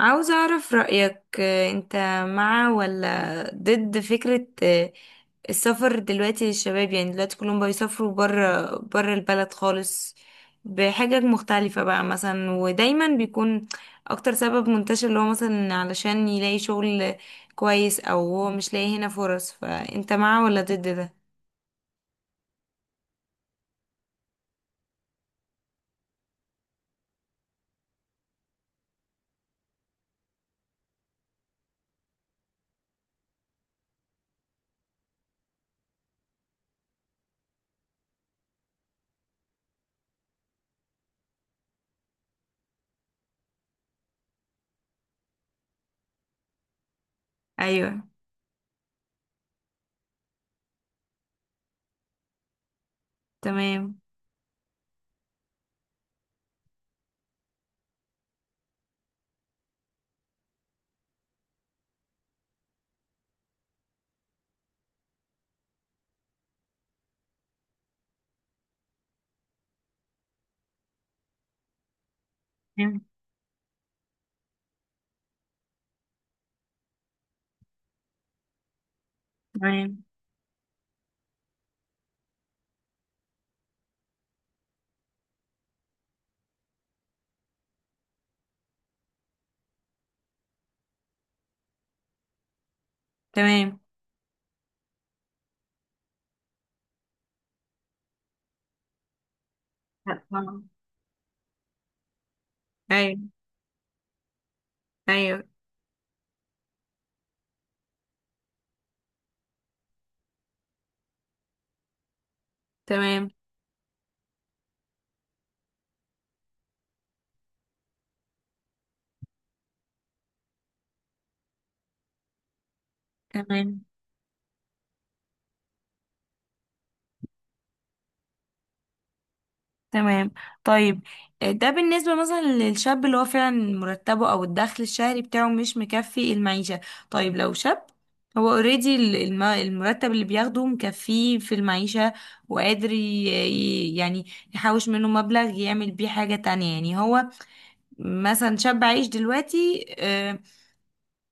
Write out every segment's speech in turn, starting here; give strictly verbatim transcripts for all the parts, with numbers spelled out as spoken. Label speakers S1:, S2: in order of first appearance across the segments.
S1: عاوزة أعرف رأيك آه، أنت مع ولا ضد فكرة آه، السفر دلوقتي للشباب، يعني دلوقتي كلهم بيسافروا برا برا البلد خالص بحاجة مختلفة بقى مثلا، ودايما بيكون أكتر سبب منتشر اللي هو مثلا علشان يلاقي شغل كويس، أو هو مش لاقي هنا فرص، فأنت مع ولا ضد ده؟ أيوه، تمام، تمام، تمام، تمام. أيوه، أيوه، تمام، تمام، تمام، طيب. آه، ده بالنسبة مثلا للشاب اللي هو فعلا مرتبه أو الدخل الشهري بتاعه مش مكفي المعيشة. طيب لو شاب، هو اوريدي المرتب اللي بياخده مكفيه في المعيشة وقادر ي- ي- يعني يحوش منه مبلغ يعمل بيه حاجة تانية، يعني هو مثلا شاب عايش دلوقتي، آه،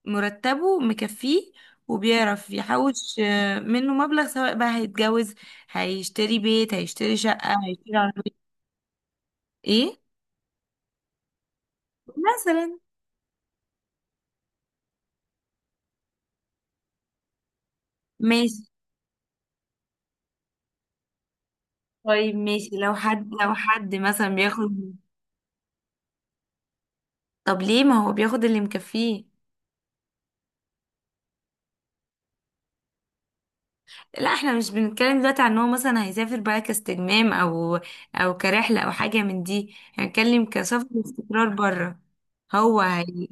S1: مرتبه مكفيه وبيعرف يحوش آه، منه مبلغ، سواء بقى هيتجوز، هيشتري بيت، هيشتري شقة، هيشتري عربية. ايه مثلا، ماشي. طيب ماشي، لو حد لو حد مثلا بياخد. طب ليه، ما هو بياخد اللي مكفيه. لا، احنا مش بنتكلم دلوقتي عن ان هو مثلا هيسافر بقى كاستجمام، او او كرحلة، او حاجة من دي، هنتكلم كسفر واستقرار بره. هو هي.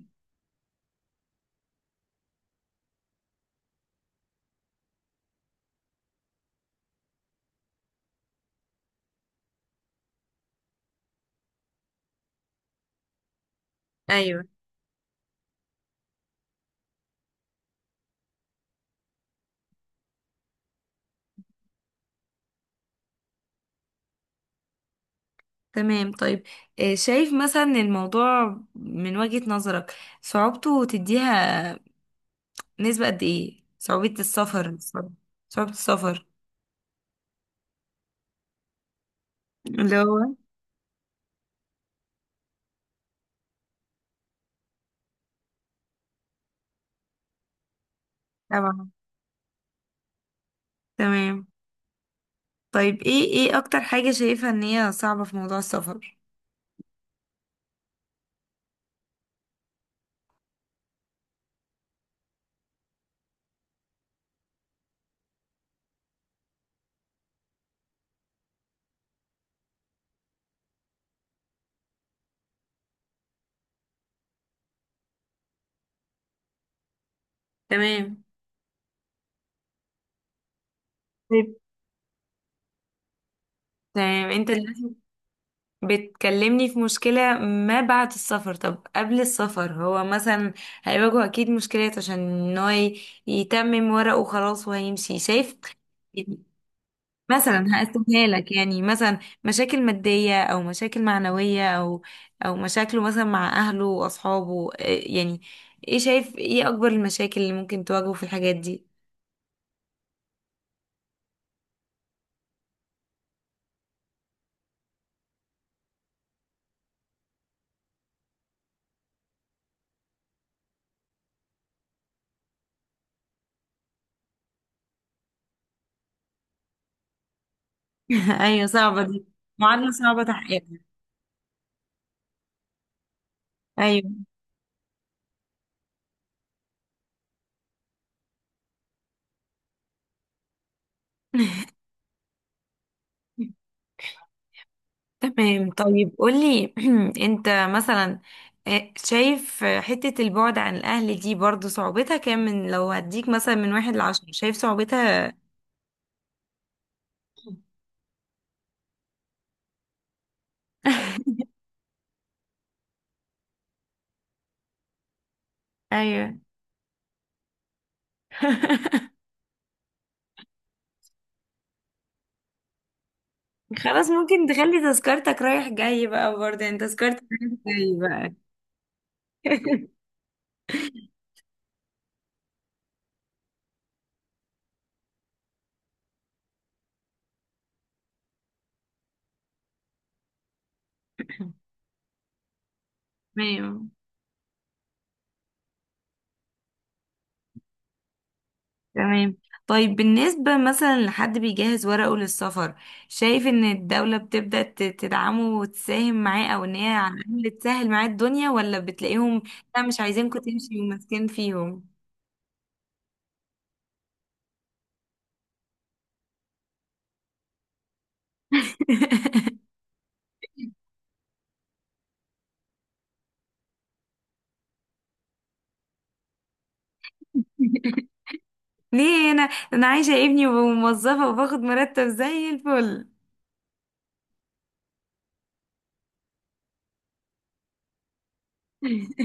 S1: ايوه، تمام، طيب، آه، شايف مثلا الموضوع من وجهة نظرك، صعوبته تديها نسبة قد ايه؟ صعوبة السفر. صعوبة السفر اللي هو، طبعا، تمام، طيب، ايه ايه اكتر حاجة شايفة ان هي صعبة في موضوع السفر؟ تمام، طيب، تمام. انت دلوقتي بتكلمني في مشكلة ما بعد السفر، طب قبل السفر هو مثلا هيواجهه اكيد مشكلات، عشان ان هو ي- يتمم ورقه وخلاص وهيمشي، شايف؟ يعني مثلا هقسمها لك يعني، مثلا مشاكل مادية او مشاكل معنوية، او او مشاكله مثلا مع اهله واصحابه، إيه- يعني ايه، شايف ايه اكبر المشاكل اللي ممكن تواجهه في الحاجات دي؟ ايوه، صعبة دي، معادلة صعبة تحقيقها، ايوه، تمام. طيب قولي، انت مثلا، آه، شايف حتة البعد عن الأهل دي برضو صعوبتها كام؟ من، لو هديك مثلا من واحد لعشرة، شايف صعوبتها؟ ايوه. خلاص، ممكن تخلي تذكرتك رايح جاي بقى، برضه يعني تذكرتك رايح جاي بقى. تمام، تمام. طيب بالنسبة مثلا لحد بيجهز ورقه للسفر، شايف ان الدولة بتبدأ ت- تدعمه وتساهم معاه؟ او ان هي على الأقل تسهل معاه الدنيا، ولا بتلاقيهم: لا مش عايزينكم تمشي وماسكين فيهم؟ ليه؟ انا انا عايشة ابني وموظفة وباخد مرتب زي الفل.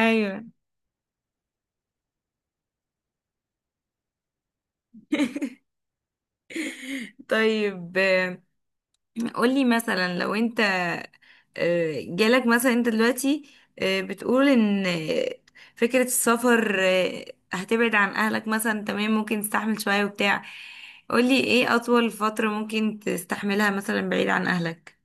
S1: ايوه. طيب قولي مثلا، لو انت آه، جالك مثلا، انت دلوقتي آه، بتقول ان آه، فكرة السفر، آه، هتبعد عن اهلك مثلا، تمام، ممكن تستحمل شوية وبتاع، قولي ايه اطول فترة ممكن تستحملها مثلا بعيد عن اهلك؟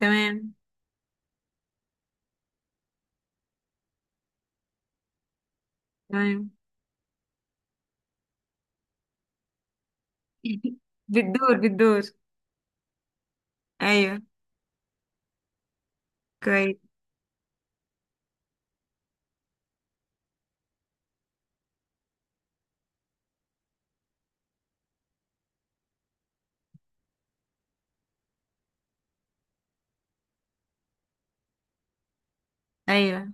S1: تمام، تمام. بالدور بالدور، ايوه كويس، ايوه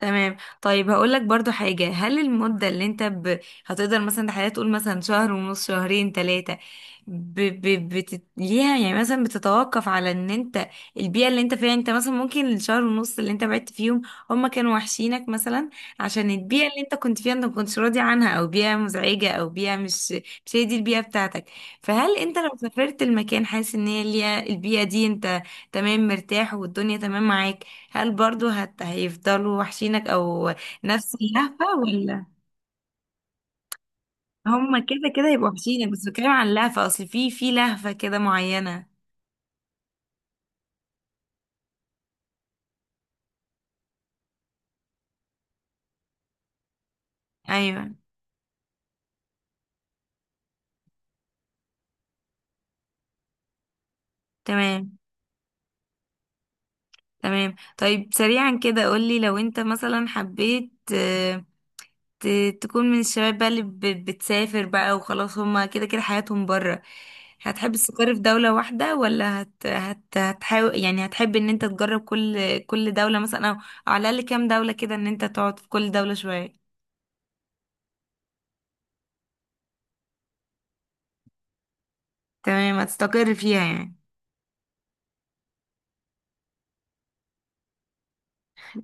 S1: تمام. طيب هقول لك برضو حاجة، هل المدة اللي انت ب... هتقدر مثلا تحدد تقول مثلا شهر ونص، شهرين، ثلاثة؟ ب... ب... بت... ليها يعني مثلا بتتوقف على ان انت البيئة اللي انت فيها، انت مثلا ممكن الشهر ونص اللي انت بعدت فيهم هما كانوا وحشينك مثلا عشان البيئة اللي انت كنت فيها انت ما كنتش راضي عنها، او بيئة مزعجة، او بيئة مش مش هي دي البيئة بتاعتك، فهل انت لو سافرت المكان حاسس ان هي ليها- البيئة دي انت تمام مرتاح والدنيا تمام معاك، هل برضو هت... هيفضلوا وحشينك او نفس اللهفة؟ ولا هما كده كده يبقوا وحشينك، بس بتكلم عن اللهفة، اصل في في لهفة كده معينة. ايوه، تمام، تمام. طيب سريعا كده قولي، لو انت مثلا حبيت آه، ت... تكون من الشباب بقى اللي ب... بتسافر بقى وخلاص، هما كده كده حياتهم بره، هتحب تستقر في دولة واحدة؟ ولا هت... هت... هتحاول، يعني هتحب ان انت تجرب كل كل دولة مثلا، او على الاقل كام دولة كده، ان انت تقعد في كل دولة شوية؟ تمام، هتستقر فيها يعني.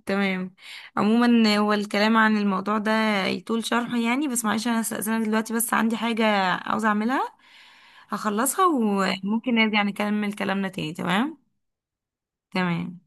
S1: تمام. عموما هو الكلام عن الموضوع ده يطول شرحه يعني، بس معلش انا استأذنك دلوقتي، بس عندي حاجة عاوزة اعملها، هخلصها وممكن نرجع نكمل كلامنا تاني، تمام. تمام.